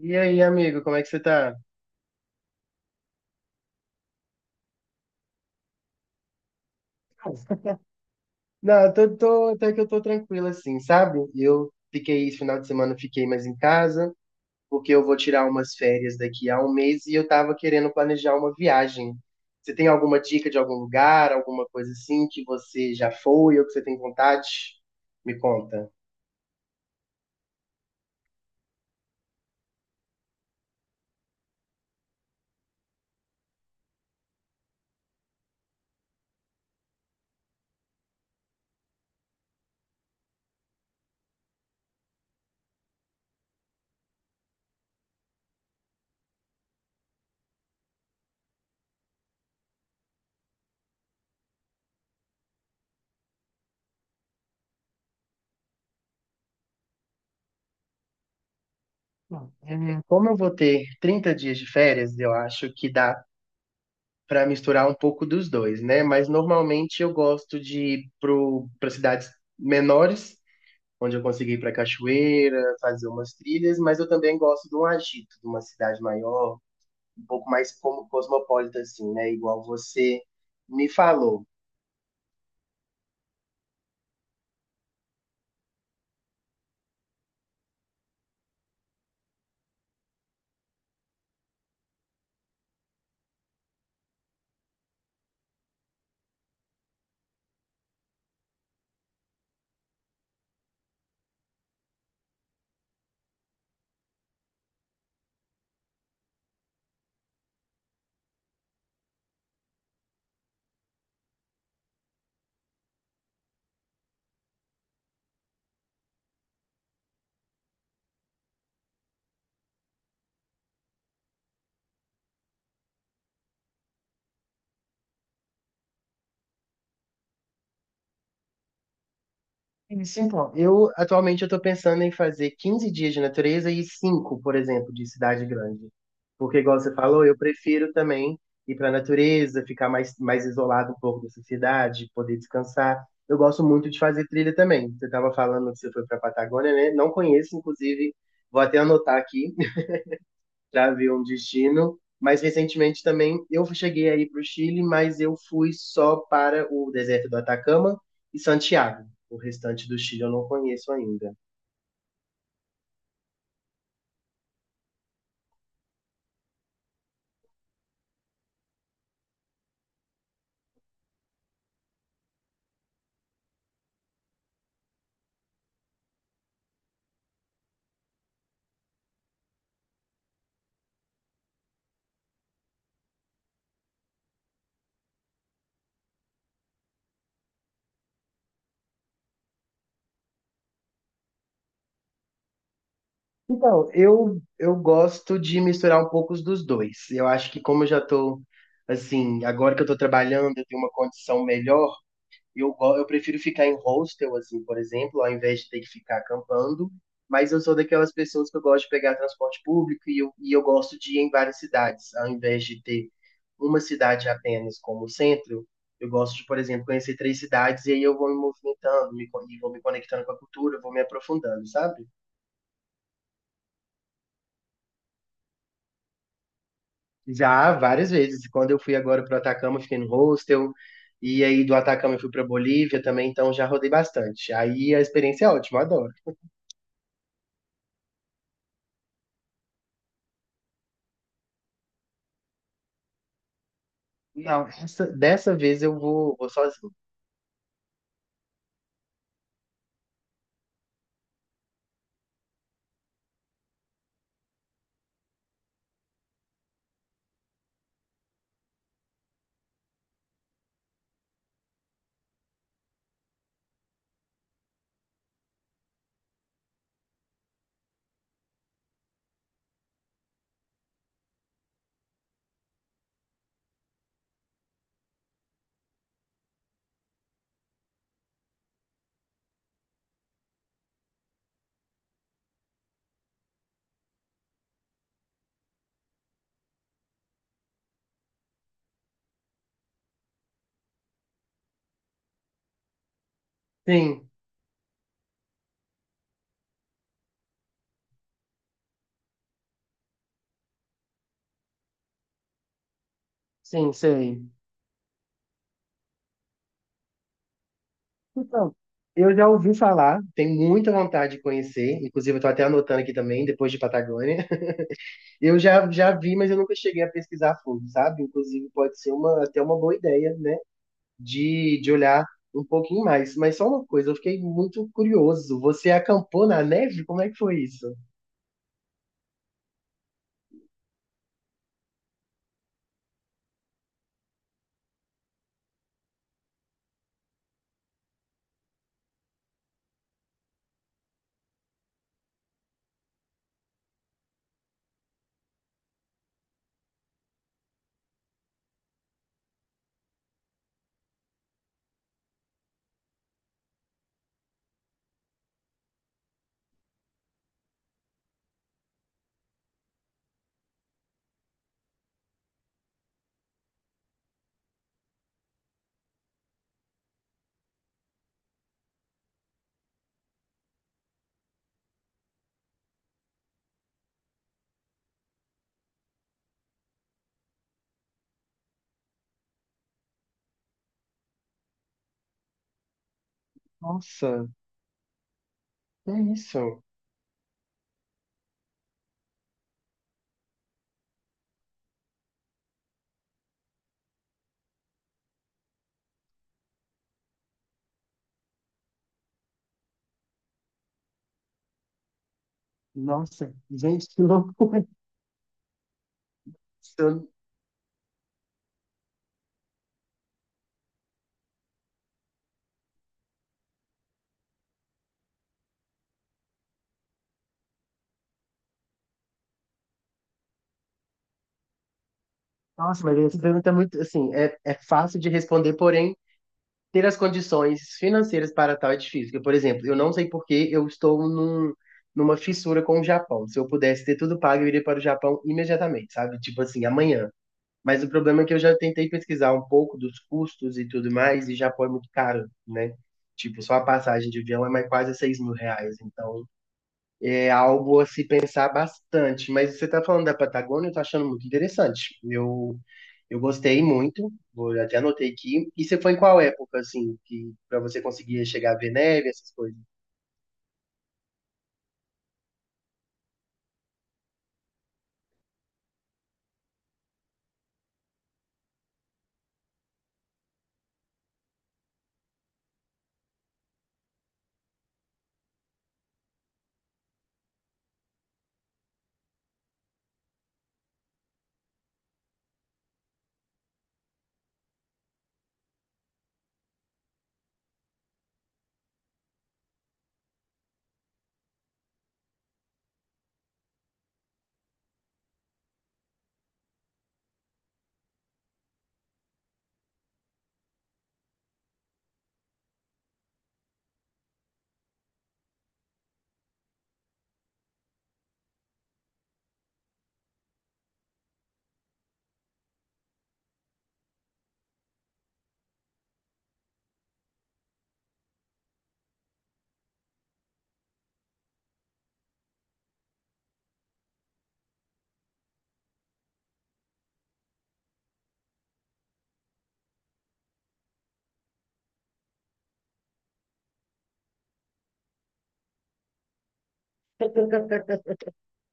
E aí, amigo, como é que você tá? Não, eu tô até que eu tô tranquilo assim, sabe? Esse final de semana eu fiquei mais em casa, porque eu vou tirar umas férias daqui a um mês e eu tava querendo planejar uma viagem. Você tem alguma dica de algum lugar, alguma coisa assim que você já foi ou que você tem vontade? Me conta. Bom, como eu vou ter 30 dias de férias, eu acho que dá para misturar um pouco dos dois, né? Mas normalmente eu gosto de ir para cidades menores onde eu consegui ir para cachoeira, fazer umas trilhas, mas eu também gosto de um agito, de uma cidade maior, um pouco mais como cosmopolita, assim, né? Igual você me falou. Isso, então. Eu, atualmente, eu estou pensando em fazer 15 dias de natureza e cinco, por exemplo, de cidade grande. Porque, igual você falou, eu prefiro também ir para a natureza, ficar mais, isolado um pouco dessa cidade, poder descansar. Eu gosto muito de fazer trilha também. Você estava falando que você foi para a Patagônia, né? Não conheço, inclusive, vou até anotar aqui já viu um destino. Mas recentemente também eu cheguei aí para o Chile, mas eu fui só para o deserto do Atacama e Santiago. O restante do Chile eu não conheço ainda. Então, eu gosto de misturar um pouco os dos dois. Eu acho que como eu já estou, assim, agora que eu estou trabalhando, eu tenho uma condição melhor. Eu prefiro ficar em hostel, assim, por exemplo, ao invés de ter que ficar acampando. Mas eu sou daquelas pessoas que eu gosto de pegar transporte público e eu gosto de ir em várias cidades, ao invés de ter uma cidade apenas como centro. Eu gosto de, por exemplo, conhecer três cidades e aí eu vou me movimentando, e vou me conectando com a cultura, vou me aprofundando, sabe? Já várias vezes. Quando eu fui agora para o Atacama, eu fiquei no hostel. E aí do Atacama eu fui para Bolívia também, então já rodei bastante. Aí a experiência é ótima, eu adoro. Não, essa- dessa vez eu vou, vou sozinho. Sim, sim, sei. Então, eu já ouvi falar, tenho muita vontade de conhecer, inclusive eu tô até anotando aqui também, depois de Patagônia. Eu já vi, mas eu nunca cheguei a pesquisar a fundo, sabe? Inclusive pode ser uma, até uma boa ideia, né? De olhar um pouquinho mais. Mas só uma coisa, eu fiquei muito curioso. Você acampou na neve? Como é que foi isso? Nossa, que é isso? Nossa, gente, que loucura. Nossa, mas essa pergunta é muito, assim, é fácil de responder, porém, ter as condições financeiras para tal é difícil. Porque, por exemplo, eu não sei por que eu estou numa fissura com o Japão. Se eu pudesse ter tudo pago, eu iria para o Japão imediatamente, sabe? Tipo assim, amanhã. Mas o problema é que eu já tentei pesquisar um pouco dos custos e tudo mais, e Japão é muito caro, né? Tipo, só a passagem de avião é mais quase 6.000 reais. Então, é algo a se pensar bastante. Mas você está falando da Patagônia, eu tô achando muito interessante. Eu gostei muito, vou até anotei aqui. E você foi em qual época, assim, que para você conseguir chegar a ver neve, essas coisas?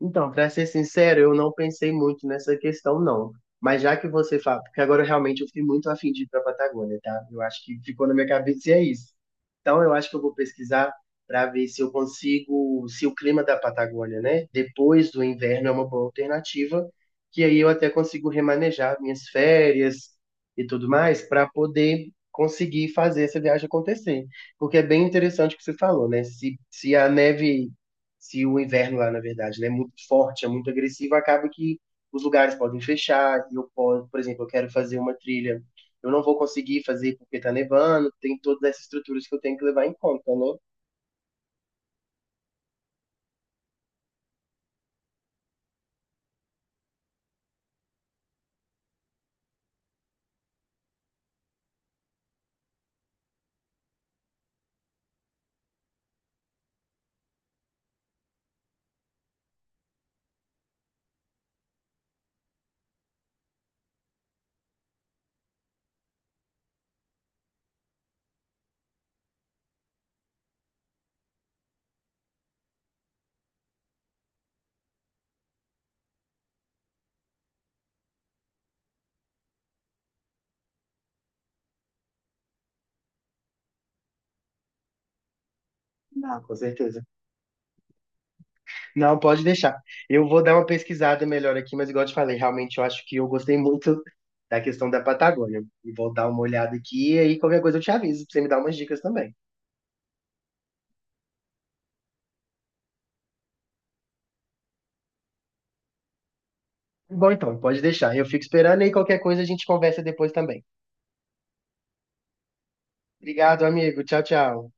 Então, para ser sincero, eu não pensei muito nessa questão, não. Mas já que você fala, porque agora realmente eu fiquei muito afim de ir para a Patagônia, tá? Eu acho que ficou na minha cabeça e é isso. Então, eu acho que eu vou pesquisar para ver se eu consigo, se o clima da Patagônia, né, depois do inverno é uma boa alternativa, que aí eu até consigo remanejar minhas férias e tudo mais para poder conseguir fazer essa viagem acontecer. Porque é bem interessante o que você falou, né? Se a neve se o inverno lá, na verdade, né, é muito forte, é muito agressivo, acaba que os lugares podem fechar, eu posso, por exemplo, eu quero fazer uma trilha, eu não vou conseguir fazer porque tá nevando, tem todas essas estruturas que eu tenho que levar em conta, né? Não, com certeza. Não, pode deixar. Eu vou dar uma pesquisada melhor aqui, mas igual eu te falei, realmente eu acho que eu gostei muito da questão da Patagônia. E vou dar uma olhada aqui, e aí qualquer coisa eu te aviso, pra você me dar umas dicas também. Bom, então, pode deixar. Eu fico esperando e qualquer coisa a gente conversa depois também. Obrigado, amigo. Tchau, tchau.